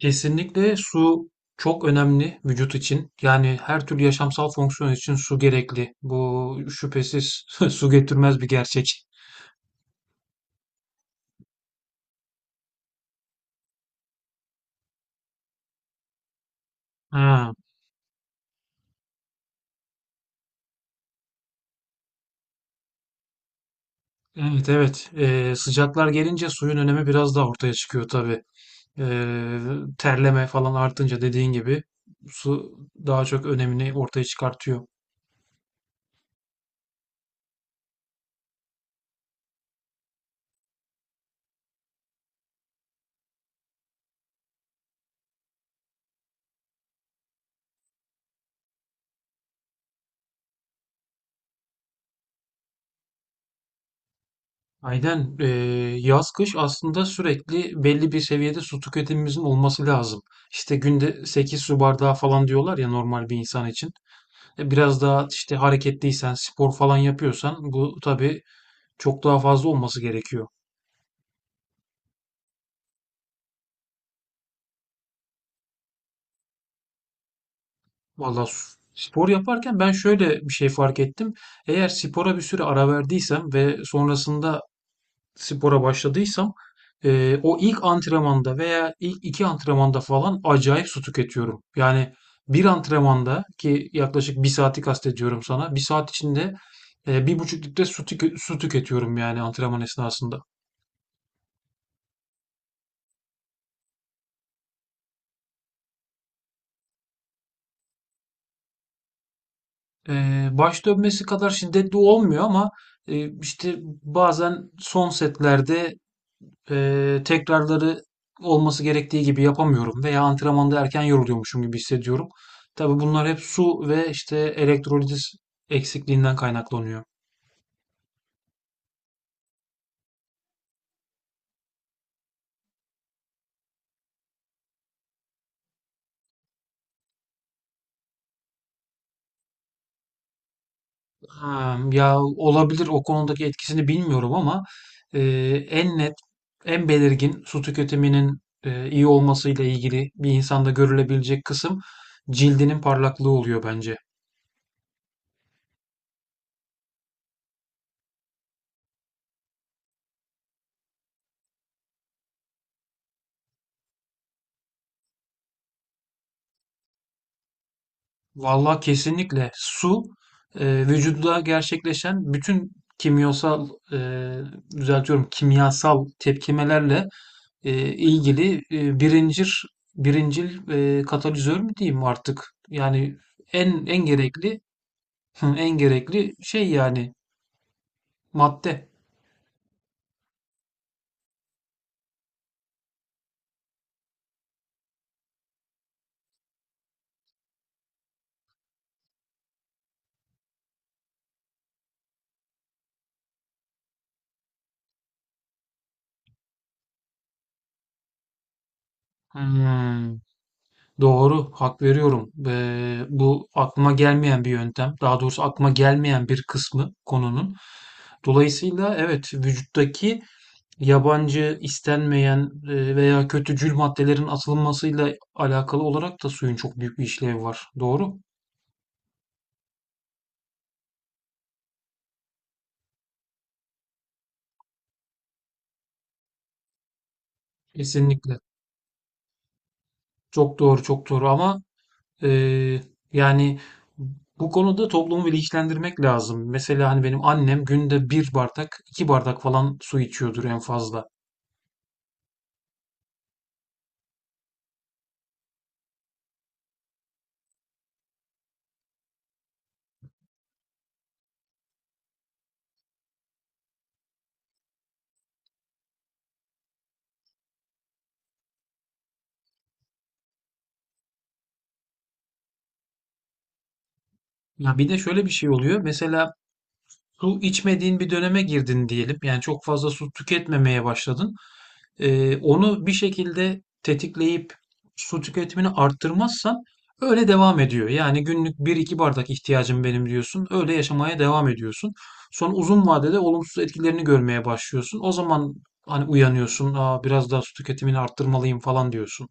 Kesinlikle su çok önemli vücut için. Yani her türlü yaşamsal fonksiyon için su gerekli. Bu şüphesiz su getirmez bir gerçek. Ha, evet, evet. Sıcaklar gelince suyun önemi biraz daha ortaya çıkıyor tabii. Ee, Terleme falan artınca, dediğin gibi, su daha çok önemini ortaya çıkartıyor. Aynen. Yaz kış aslında sürekli belli bir seviyede su tüketimimizin olması lazım. İşte günde 8 su bardağı falan diyorlar ya, normal bir insan için. Biraz daha işte hareketliysen, spor falan yapıyorsan bu tabii çok daha fazla olması gerekiyor. Vallahi spor yaparken ben şöyle bir şey fark ettim. Eğer spora bir süre ara verdiysem ve sonrasında spora başladıysam, o ilk antrenmanda veya ilk iki antrenmanda falan acayip su tüketiyorum. Yani bir antrenmanda, ki yaklaşık bir saati kastediyorum sana. Bir saat içinde 1,5 litre su tüketiyorum, yani antrenman esnasında. Baş dönmesi kadar şiddetli olmuyor ama işte bazen son setlerde tekrarları olması gerektiği gibi yapamıyorum veya antrenmanda erken yoruluyormuşum gibi hissediyorum. Tabii bunlar hep su ve işte elektrolit eksikliğinden kaynaklanıyor. Ha, ya olabilir, o konudaki etkisini bilmiyorum ama e, en net, en belirgin su tüketiminin iyi olmasıyla ilgili bir insanda görülebilecek kısım, cildinin parlaklığı oluyor bence. Vallahi kesinlikle su vücuda gerçekleşen bütün kimyasal, düzeltiyorum, kimyasal tepkimelerle ilgili birincil katalizör mü diyeyim artık? Yani en gerekli. Hı, en gerekli şey, yani madde. Hmm, doğru, hak veriyorum. Bu aklıma gelmeyen bir yöntem. Daha doğrusu aklıma gelmeyen bir kısmı konunun. Dolayısıyla evet, vücuttaki yabancı, istenmeyen veya kötücül maddelerin atılmasıyla alakalı olarak da suyun çok büyük bir işlevi var. Doğru. Kesinlikle. Çok doğru, çok doğru, ama Eee, yani bu konuda toplumu bilinçlendirmek lazım. Mesela hani benim annem günde bir bardak, iki bardak falan su içiyordur en fazla. Ya bir de şöyle bir şey oluyor. Mesela su içmediğin bir döneme girdin diyelim. Yani çok fazla su tüketmemeye başladın. Onu bir şekilde tetikleyip su tüketimini arttırmazsan öyle devam ediyor. Yani günlük bir iki bardak ihtiyacım benim diyorsun. Öyle yaşamaya devam ediyorsun. Sonra uzun vadede olumsuz etkilerini görmeye başlıyorsun. O zaman hani uyanıyorsun. Aa, biraz daha su tüketimini arttırmalıyım falan diyorsun.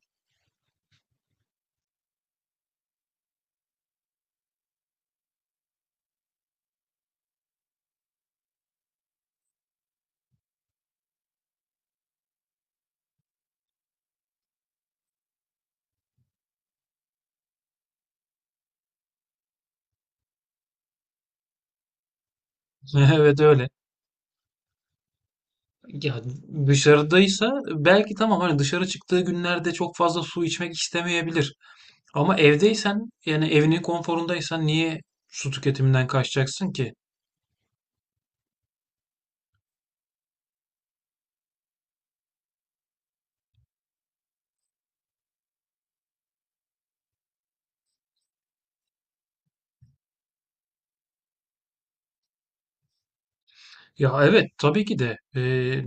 Evet, öyle. Ya dışarıdaysa belki tamam, hani dışarı çıktığı günlerde çok fazla su içmek istemeyebilir. Ama evdeysen, yani evinin konforundaysan, niye su tüketiminden kaçacaksın ki? Ya evet, tabii ki de.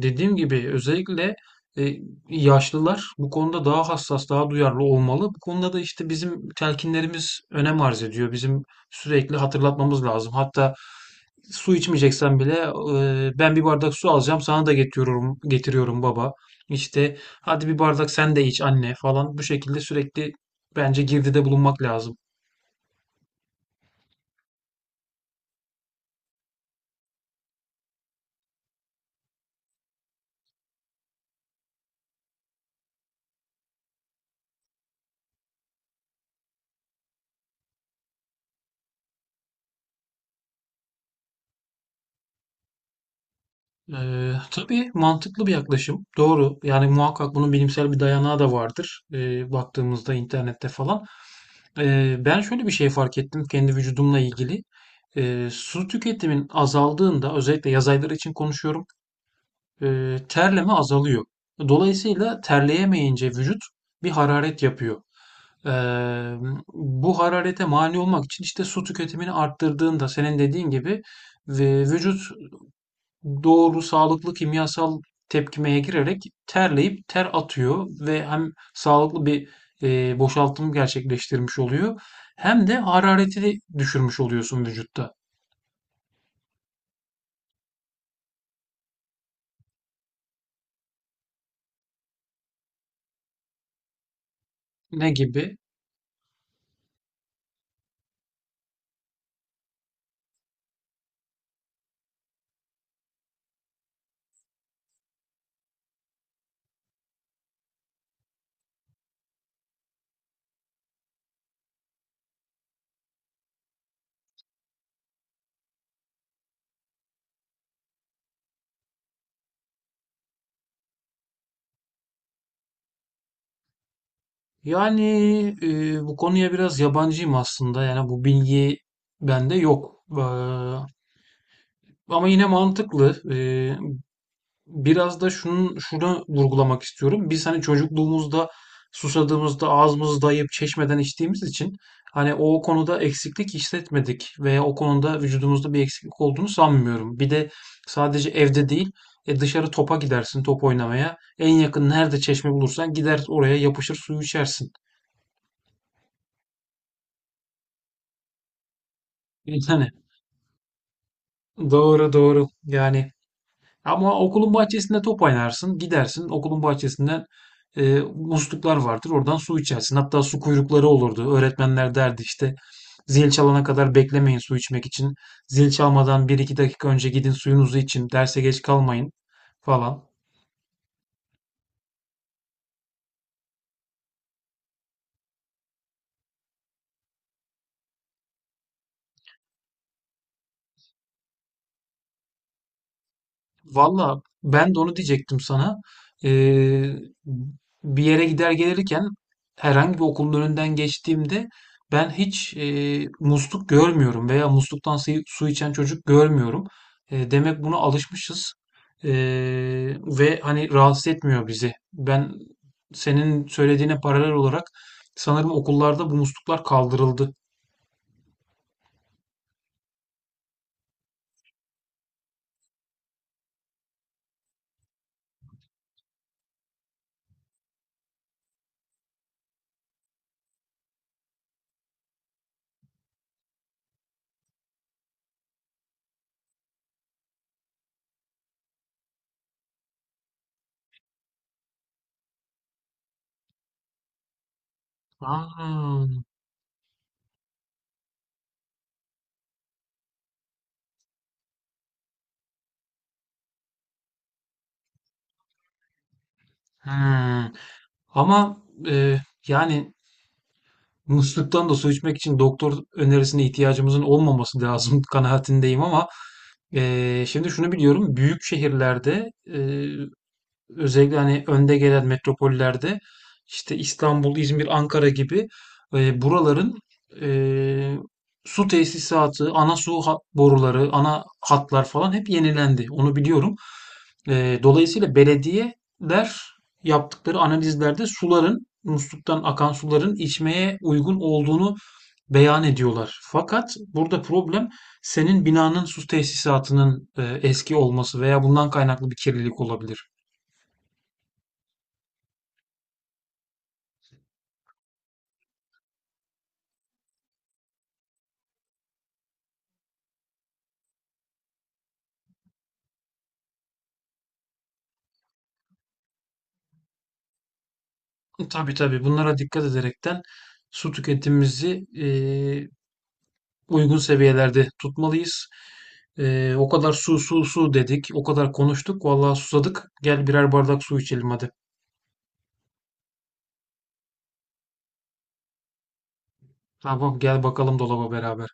Dediğim gibi özellikle e, yaşlılar bu konuda daha hassas, daha duyarlı olmalı. Bu konuda da işte bizim telkinlerimiz önem arz ediyor. Bizim sürekli hatırlatmamız lazım. Hatta su içmeyeceksen bile ben bir bardak su alacağım, sana da getiriyorum, getiriyorum baba. İşte hadi, bir bardak sen de iç anne falan, bu şekilde sürekli bence girdide bulunmak lazım. Tabii, mantıklı bir yaklaşım. Doğru. Yani muhakkak bunun bilimsel bir dayanağı da vardır. Baktığımızda internette falan. Ben şöyle bir şey fark ettim kendi vücudumla ilgili. Su tüketimin azaldığında, özellikle yaz ayları için konuşuyorum, terleme azalıyor. Dolayısıyla terleyemeyince vücut bir hararet yapıyor. Ee, Bu hararete mani olmak için işte su tüketimini arttırdığında, senin dediğin gibi, ve vücut, doğru, sağlıklı kimyasal tepkimeye girerek terleyip ter atıyor ve hem sağlıklı bir, boşaltım gerçekleştirmiş oluyor, hem de harareti de düşürmüş oluyorsun vücutta. Ne gibi? Yani, bu konuya biraz yabancıyım aslında. Yani bu bilgi bende yok. Ama yine mantıklı. Biraz da şunu vurgulamak istiyorum. Biz hani çocukluğumuzda susadığımızda ağzımızı dayayıp çeşmeden içtiğimiz için hani o konuda eksiklik hissetmedik veya o konuda vücudumuzda bir eksiklik olduğunu sanmıyorum. Bir de sadece evde değil, dışarı topa gidersin, top oynamaya. En yakın nerede çeşme bulursan gider oraya yapışır, suyu içersin. Yani hani, doğru doğru. Yani, ama okulun bahçesinde top oynarsın, gidersin okulun bahçesinden, musluklar vardır, oradan su içersin. Hatta su kuyrukları olurdu. Öğretmenler derdi işte, zil çalana kadar beklemeyin su içmek için. Zil çalmadan bir iki dakika önce gidin, suyunuzu için, derse geç kalmayın falan. Valla ben de onu diyecektim sana. Ee, Bir yere gider gelirken, herhangi bir okulun önünden geçtiğimde, ben hiç musluk görmüyorum veya musluktan su içen çocuk görmüyorum. Demek buna alışmışız E, ve hani rahatsız etmiyor bizi. Ben senin söylediğine paralel olarak sanırım okullarda bu musluklar kaldırıldı. Aa, hmm. Ama e, yani, musluktan da su içmek için doktor önerisine ihtiyacımızın olmaması lazım kanaatindeyim, ama şimdi şunu biliyorum. Büyük şehirlerde, özellikle hani önde gelen metropollerde, işte İstanbul, İzmir, Ankara gibi, buraların e, su tesisatı, ana su boruları, ana hatlar falan hep yenilendi. Onu biliyorum. Dolayısıyla belediyeler yaptıkları analizlerde suların, musluktan akan suların içmeye uygun olduğunu beyan ediyorlar. Fakat burada problem, senin binanın su tesisatının eski olması veya bundan kaynaklı bir kirlilik olabilir. Tabii tabii, bunlara dikkat ederekten su tüketimimizi uygun seviyelerde tutmalıyız. O kadar su su su dedik, o kadar konuştuk, vallahi susadık. Gel birer bardak su içelim hadi. Tamam, gel bakalım dolaba beraber.